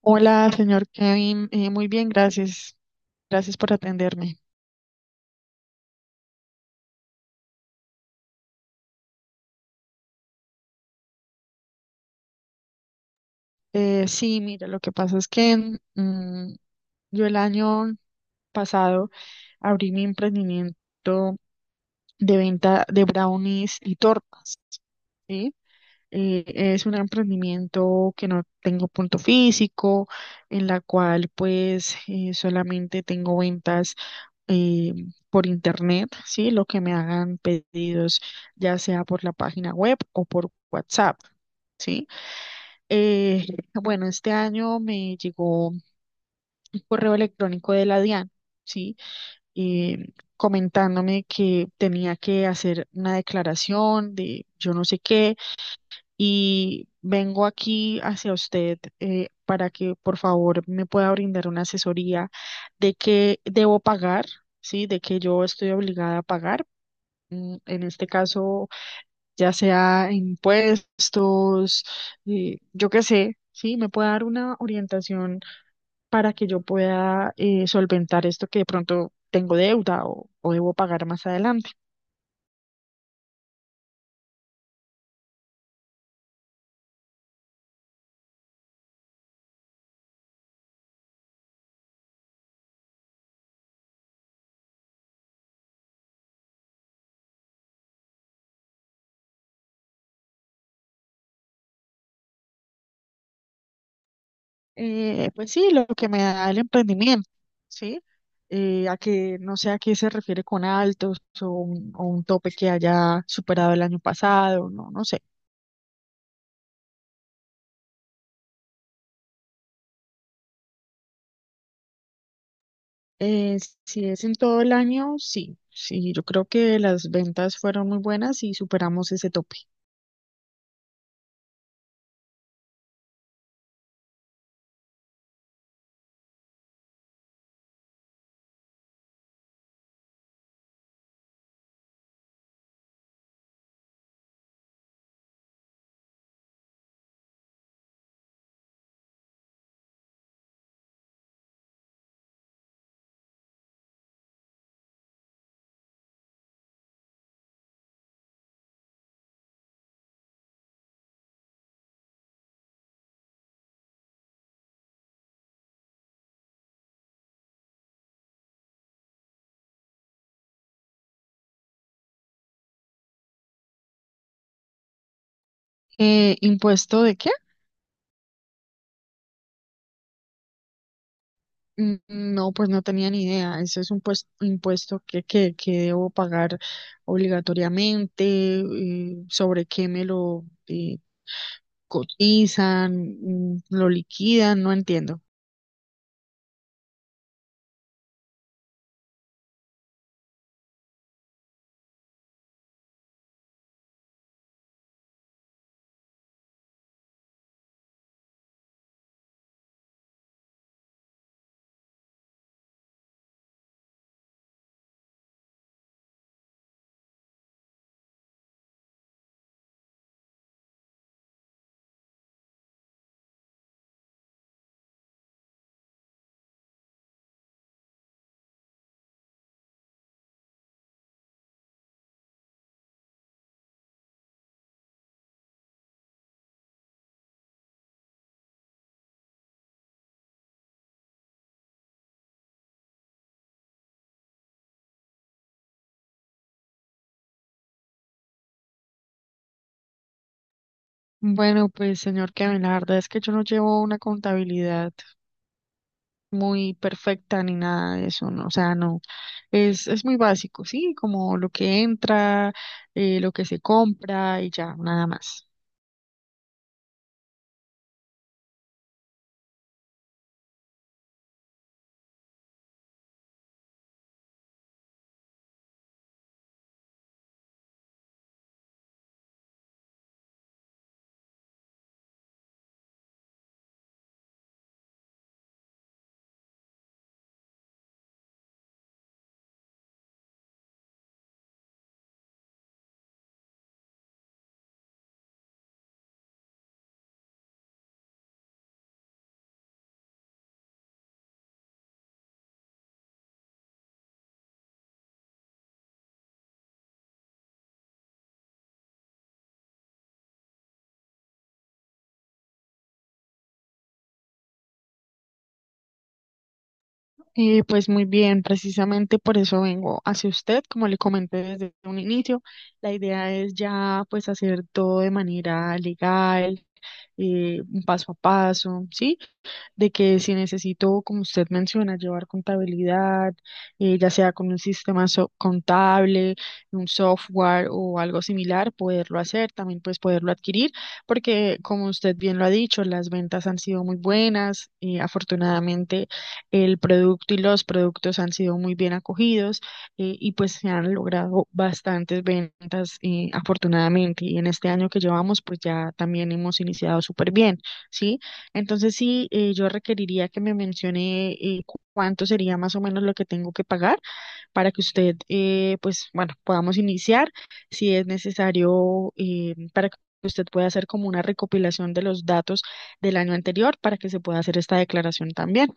Hola, señor Kevin. Muy bien, gracias. Gracias por atenderme. Sí, mira, lo que pasa es que yo el año pasado abrí mi emprendimiento de venta de brownies y tortas, ¿sí? Eh, es un emprendimiento que no tengo punto físico, en la cual pues solamente tengo ventas eh, por internet, ¿sí? Lo que me hagan pedidos, ya sea por la página web o por WhatsApp, ¿sí? Eh, bueno, este año me llegó un correo electrónico de la DIAN, ¿sí? Eh, Comentándome que tenía que hacer una declaración de yo no sé qué y vengo aquí hacia usted para que por favor me pueda brindar una asesoría de qué debo pagar, ¿sí? De que yo estoy obligada a pagar en este caso, ya sea impuestos, yo qué sé, sí, me puede dar una orientación para que yo pueda solventar esto que de pronto tengo deuda o debo pagar más adelante. Pues sí, lo que me da el emprendimiento, ¿sí? A que no sé a qué se refiere con altos o un tope que haya superado el año pasado, no sé. Eh, si es en todo el año, sí, sí, yo creo que las ventas fueron muy buenas y superamos ese tope. ¿Impuesto de qué? No, pues no tenía ni idea. Eso es un impuesto que debo pagar obligatoriamente, sobre qué me lo cotizan, lo liquidan, no entiendo. Bueno, pues señor Kevin, la verdad es que yo no llevo una contabilidad muy perfecta ni nada de eso, ¿no? O sea, no, es muy básico, sí, como lo que entra, lo que se compra y ya, nada más. Pues muy bien, precisamente por eso vengo hacia usted, como le comenté desde un inicio, la idea es ya pues hacer todo de manera legal, un paso a paso, ¿sí? De que si necesito, como usted menciona, llevar contabilidad, ya sea con un contable, un software o algo similar, poderlo hacer, también pues poderlo adquirir, porque como usted bien lo ha dicho, las ventas han sido muy buenas, y afortunadamente el producto y los productos han sido muy bien acogidos y pues se han logrado bastantes ventas afortunadamente y en este año que llevamos pues ya también hemos iniciado súper bien, ¿sí? Entonces sí, yo requeriría que me mencione cuánto sería más o menos lo que tengo que pagar para que usted, pues bueno, podamos iniciar si es necesario para que usted pueda hacer como una recopilación de los datos del año anterior para que se pueda hacer esta declaración también.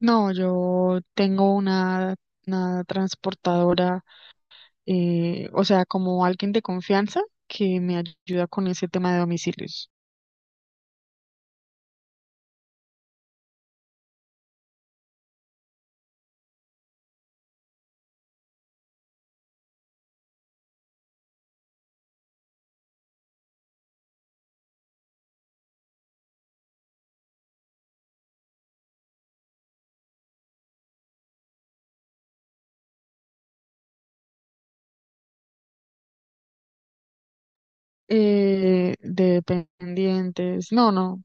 No, yo tengo una transportadora, o sea, como alguien de confianza que me ayuda con ese tema de domicilios. Dependientes. No, no,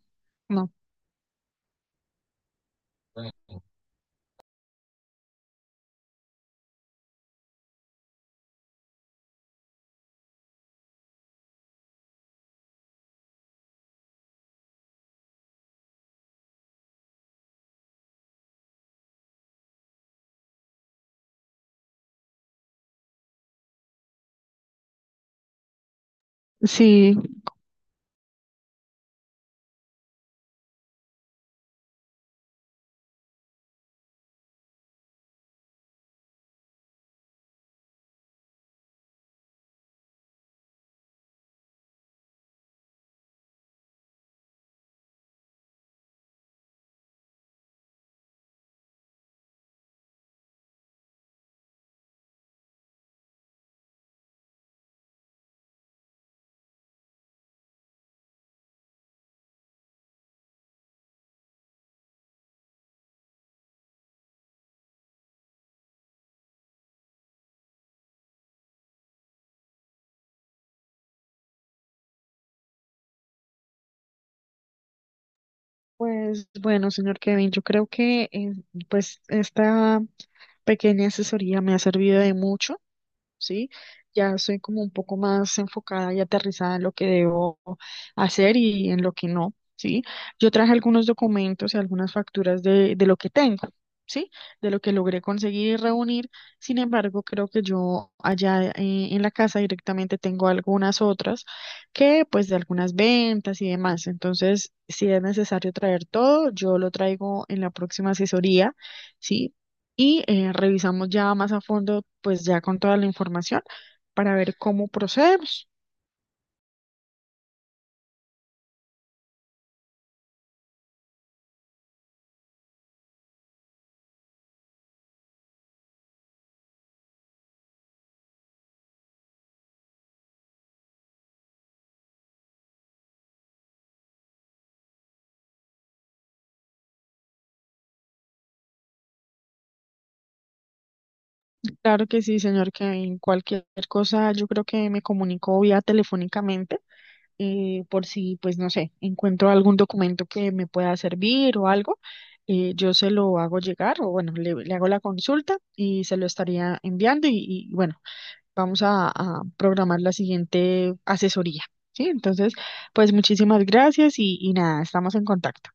no. Sí, pues bueno, señor Kevin, yo creo que pues esta pequeña asesoría me ha servido de mucho. ¿Sí? Ya soy como un poco más enfocada y aterrizada en lo que debo hacer y en lo que no, ¿sí? Yo traje algunos documentos y algunas facturas de lo que tengo. ¿Sí? De lo que logré conseguir y reunir. Sin embargo, creo que yo allá en la casa directamente tengo algunas otras que pues de algunas ventas y demás. Entonces, si es necesario traer todo, yo lo traigo en la próxima asesoría, ¿sí? Y revisamos ya más a fondo, pues ya con toda la información para ver cómo procedemos. Claro que sí, señor, que en cualquier cosa yo creo que me comunico vía telefónicamente por si, pues no sé, encuentro algún documento que me pueda servir o algo, yo se lo hago llegar o bueno, le hago la consulta y se lo estaría enviando bueno, a programar la siguiente asesoría, ¿sí? Entonces, pues muchísimas gracias y nada, estamos en contacto.